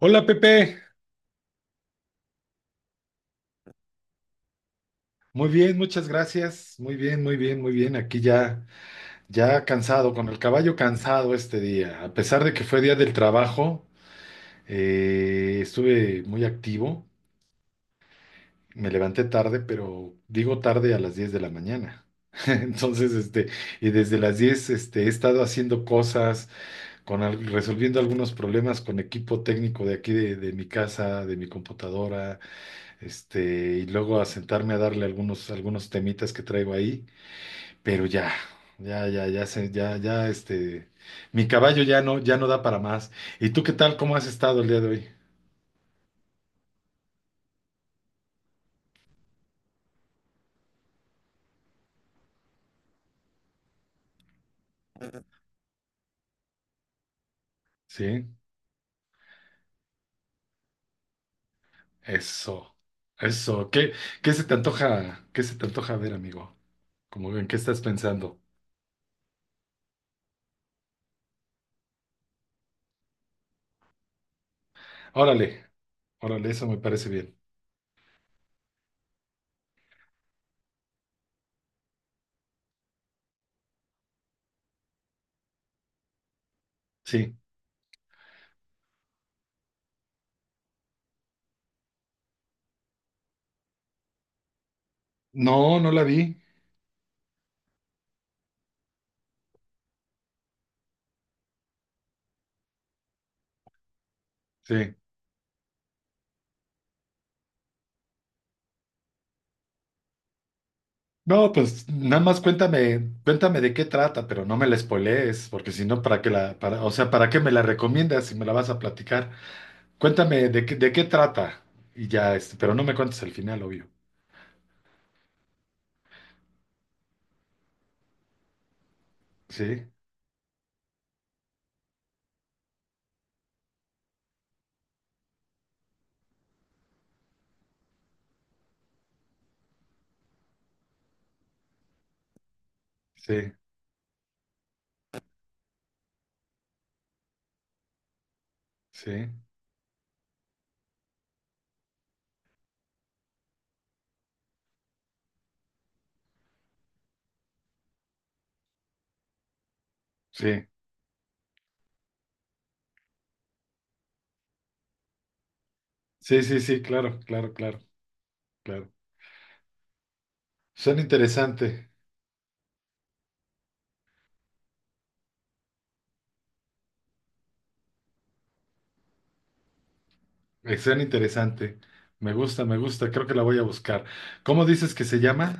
Hola Pepe, muy bien, muchas gracias. Muy bien, muy bien, muy bien. Aquí ya, ya cansado, con el caballo cansado este día. A pesar de que fue día del trabajo, estuve muy activo. Me levanté tarde, pero digo tarde a las 10 de la mañana. Entonces, y desde las 10 he estado haciendo cosas, resolviendo algunos problemas con equipo técnico de aquí de mi casa, de mi computadora. Este, y luego a sentarme a darle algunos temitas que traigo ahí, pero ya, ya, ya, mi caballo ya no, ya no da para más. ¿Y tú qué tal? ¿Cómo has estado el día de hoy? Sí, eso, eso. ¿Qué se te antoja, qué se te antoja ver, amigo? Como en qué estás pensando? Órale, órale, eso me parece bien. Sí. No, no la vi. Sí. No, pues nada más cuéntame, cuéntame de qué trata, pero no me la spoilees, porque si no, ¿para qué la, para, o sea, ¿para qué me la recomiendas si me la vas a platicar? Cuéntame de qué trata y ya, pero no me cuentes el final, obvio. Sí, sí, sí, sí, sí, sí, sí, claro, claro, claro, claro. Suena interesante, suena interesante. Me gusta, creo que la voy a buscar. ¿Cómo dices que se llama?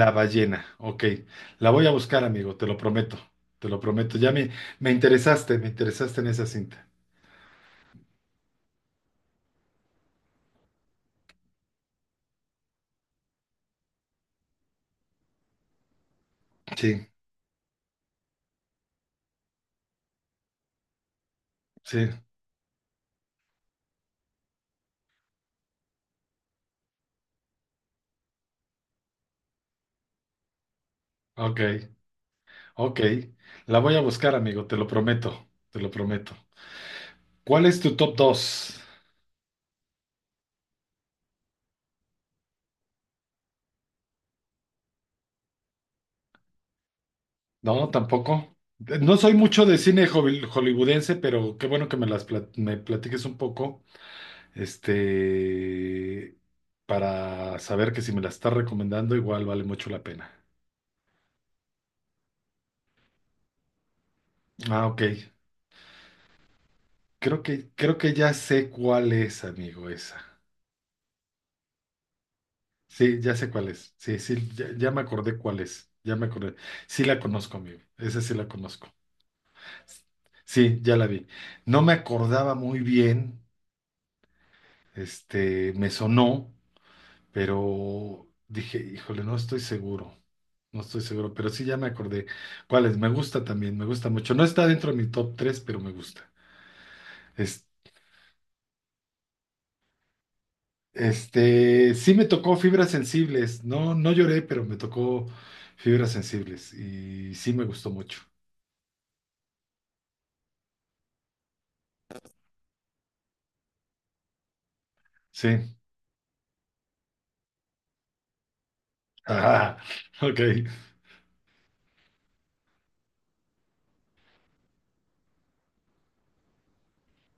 La ballena, ok. La voy a buscar, amigo, te lo prometo, te lo prometo. Me interesaste en esa cinta. Sí, sí, ok, ok. La voy a buscar, amigo, te lo prometo, te lo prometo. ¿Cuál es tu top dos? No, tampoco. No soy mucho de cine hollywoodense, pero qué bueno que me me platiques un poco, este, para saber que si me las estás recomendando, igual vale mucho la pena. Ah, ok. Creo que ya sé cuál es, amigo, esa. Sí, ya sé cuál es. Sí, sí, ya, ya me acordé cuál es. Ya me acordé. Sí la conozco, amigo. Esa sí la conozco. Sí, ya la vi. No me acordaba muy bien, me sonó, pero dije, híjole, no estoy seguro. No estoy seguro, pero sí ya me acordé cuál es. Me gusta también, me gusta mucho. No está dentro de mi top 3 pero me gusta. Sí me tocó fibras sensibles. No, no lloré, pero me tocó fibras sensibles y sí me gustó mucho. Sí. Ajá. Ok.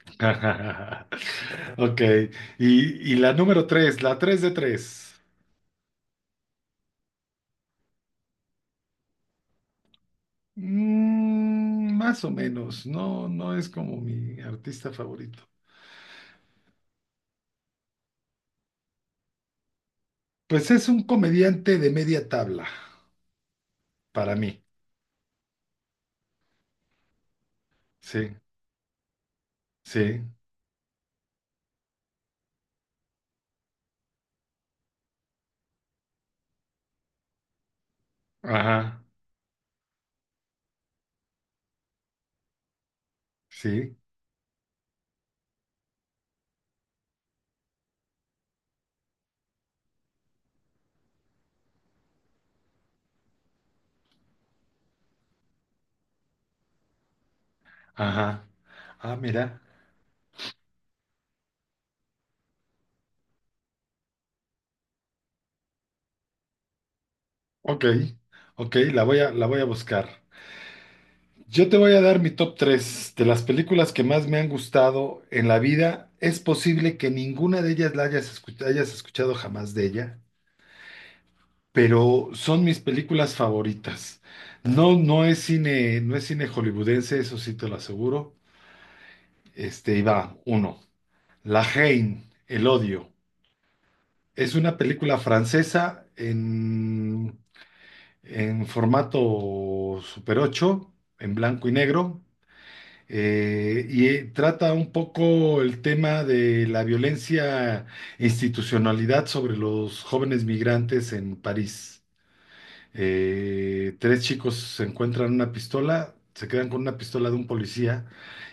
Ok. Y la número tres, la tres de tres. Mm, más o menos. No, no es como mi artista favorito. Pues es un comediante de media tabla para mí. Sí, sí. Ajá. Sí. Ajá. Ah, mira. Ok, ok, la voy a buscar. Yo te voy a dar mi top 3 de las películas que más me han gustado en la vida. Es posible que ninguna de ellas hayas escuchado jamás de ella, pero son mis películas favoritas. No, no es cine, no es cine hollywoodense, eso sí te lo aseguro. Este, y va, uno. La Haine, El odio. Es una película francesa en formato Super 8 en blanco y negro y trata un poco el tema de la violencia e institucionalidad sobre los jóvenes migrantes en París. Tres chicos se encuentran una pistola, se quedan con una pistola de un policía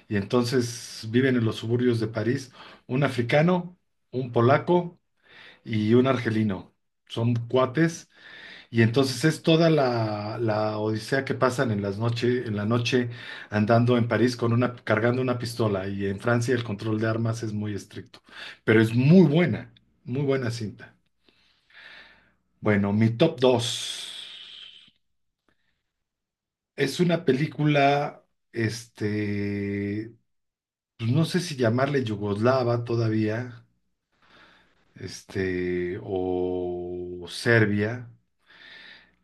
y entonces viven en los suburbios de París, un africano, un polaco y un argelino. Son cuates y entonces es toda la odisea que pasan en en la noche andando en París cargando una pistola. Y en Francia el control de armas es muy estricto. Pero es muy buena cinta. Bueno, mi top dos es una película, este, pues no sé si llamarle yugoslava todavía, o Serbia,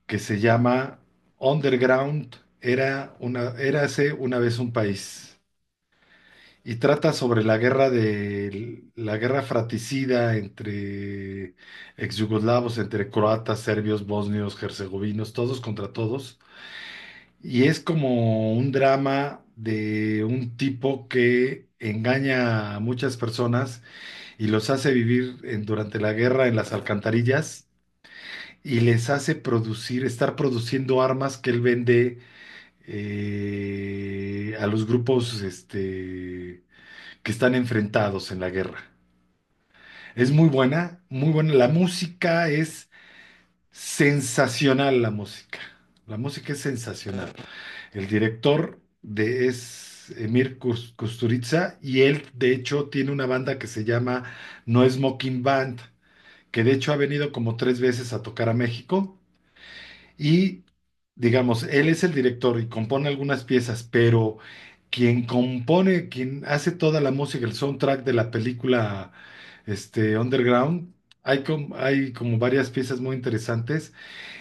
que se llama Underground, era una, érase una vez un país. Y trata sobre la guerra fratricida entre exyugoslavos, entre croatas, serbios, bosnios, herzegovinos, todos contra todos. Y es como un drama de un tipo que engaña a muchas personas y los hace vivir en- durante la guerra en las alcantarillas y les hace producir, estar produciendo armas que él vende a los grupos que están enfrentados en la guerra. Es muy buena, muy buena. La música es sensacional, la música. La música es sensacional. El director de es Emir Kusturica y él, de hecho, tiene una banda que se llama No Smoking Band, que de hecho ha venido como tres veces a tocar a México. Y, digamos, él es el director y compone algunas piezas, pero quien compone, quien hace toda la música, el soundtrack de la película Underground, hay como varias piezas muy interesantes.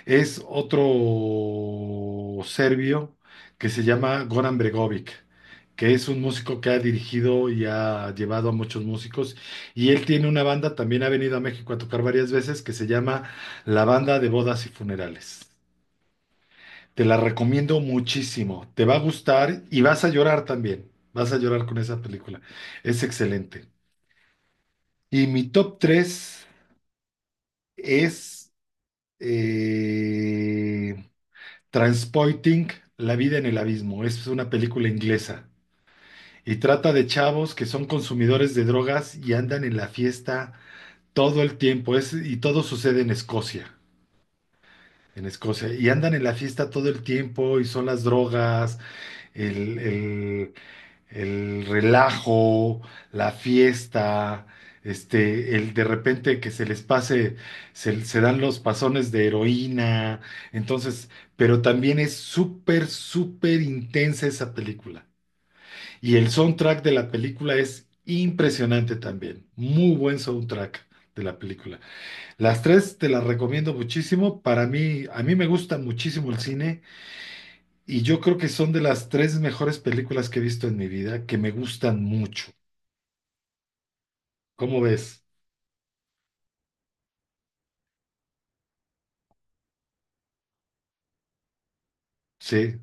Es otro serbio que se llama Goran Bregovic, que es un músico que ha dirigido y ha llevado a muchos músicos. Y él tiene una banda, también ha venido a México a tocar varias veces, que se llama La Banda de Bodas y Funerales. Te la recomiendo muchísimo. Te va a gustar y vas a llorar también. Vas a llorar con esa película. Es excelente. Y mi top 3 es eh, Transporting, La vida en el abismo. Es una película inglesa y trata de chavos que son consumidores de drogas y andan en la fiesta todo el tiempo. Es, y todo sucede en Escocia. En Escocia. Y andan en la fiesta todo el tiempo y son las drogas, el, el- el relajo, la fiesta, el de repente que se les pase, se dan los pasones de heroína, entonces, pero también es súper, súper intensa esa película. Y el soundtrack de la película es impresionante también, muy buen soundtrack. De la película. Las tres te las recomiendo muchísimo. Para mí, a mí me gusta muchísimo el cine y yo creo que son de las tres mejores películas que he visto en mi vida, que me gustan mucho. ¿Cómo ves? Sí.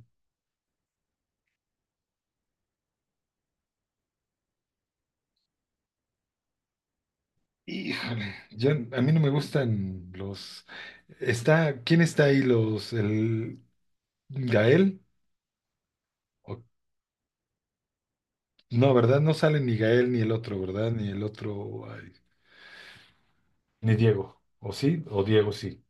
Híjole, yo a mí no me gustan los. Está, ¿quién está ahí? Los, el Gael. O- no, ¿verdad? No sale ni Gael ni el otro, ¿verdad? Ni el otro, ay, ni Diego. ¿O sí? O Diego sí.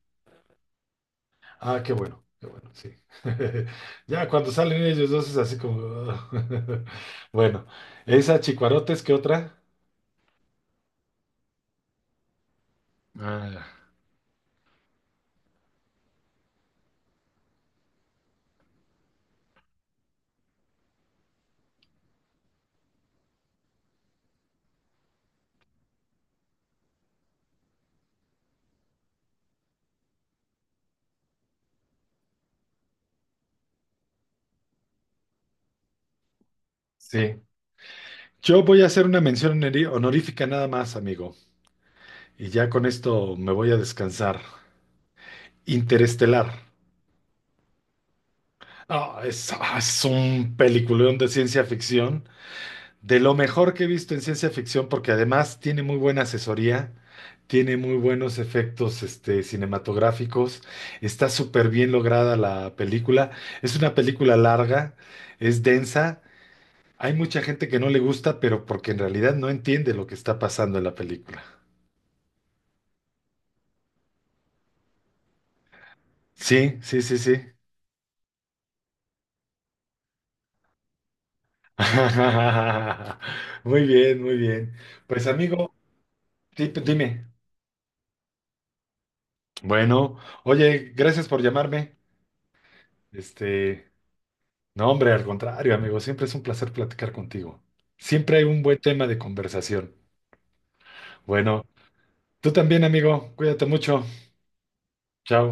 Ah, qué bueno, sí. Ya cuando salen ellos dos es así como. Bueno, esa Chicuarotes, ¿qué otra? Ah, sí. Yo voy a hacer una mención honorífica nada más, amigo. Y ya con esto me voy a descansar. Interestelar. Ah, es un peliculón de ciencia ficción, de lo mejor que he visto en ciencia ficción, porque además tiene muy buena asesoría, tiene muy buenos efectos cinematográficos, está súper bien lograda la película. Es una película larga, es densa. Hay mucha gente que no le gusta, pero porque en realidad no entiende lo que está pasando en la película. Sí, sí, sí, sí. Muy bien, muy bien. Pues amigo, dime. Bueno, oye, gracias por llamarme. Este, no, hombre, al contrario, amigo, siempre es un placer platicar contigo. Siempre hay un buen tema de conversación. Bueno, tú también, amigo, cuídate mucho. Chao.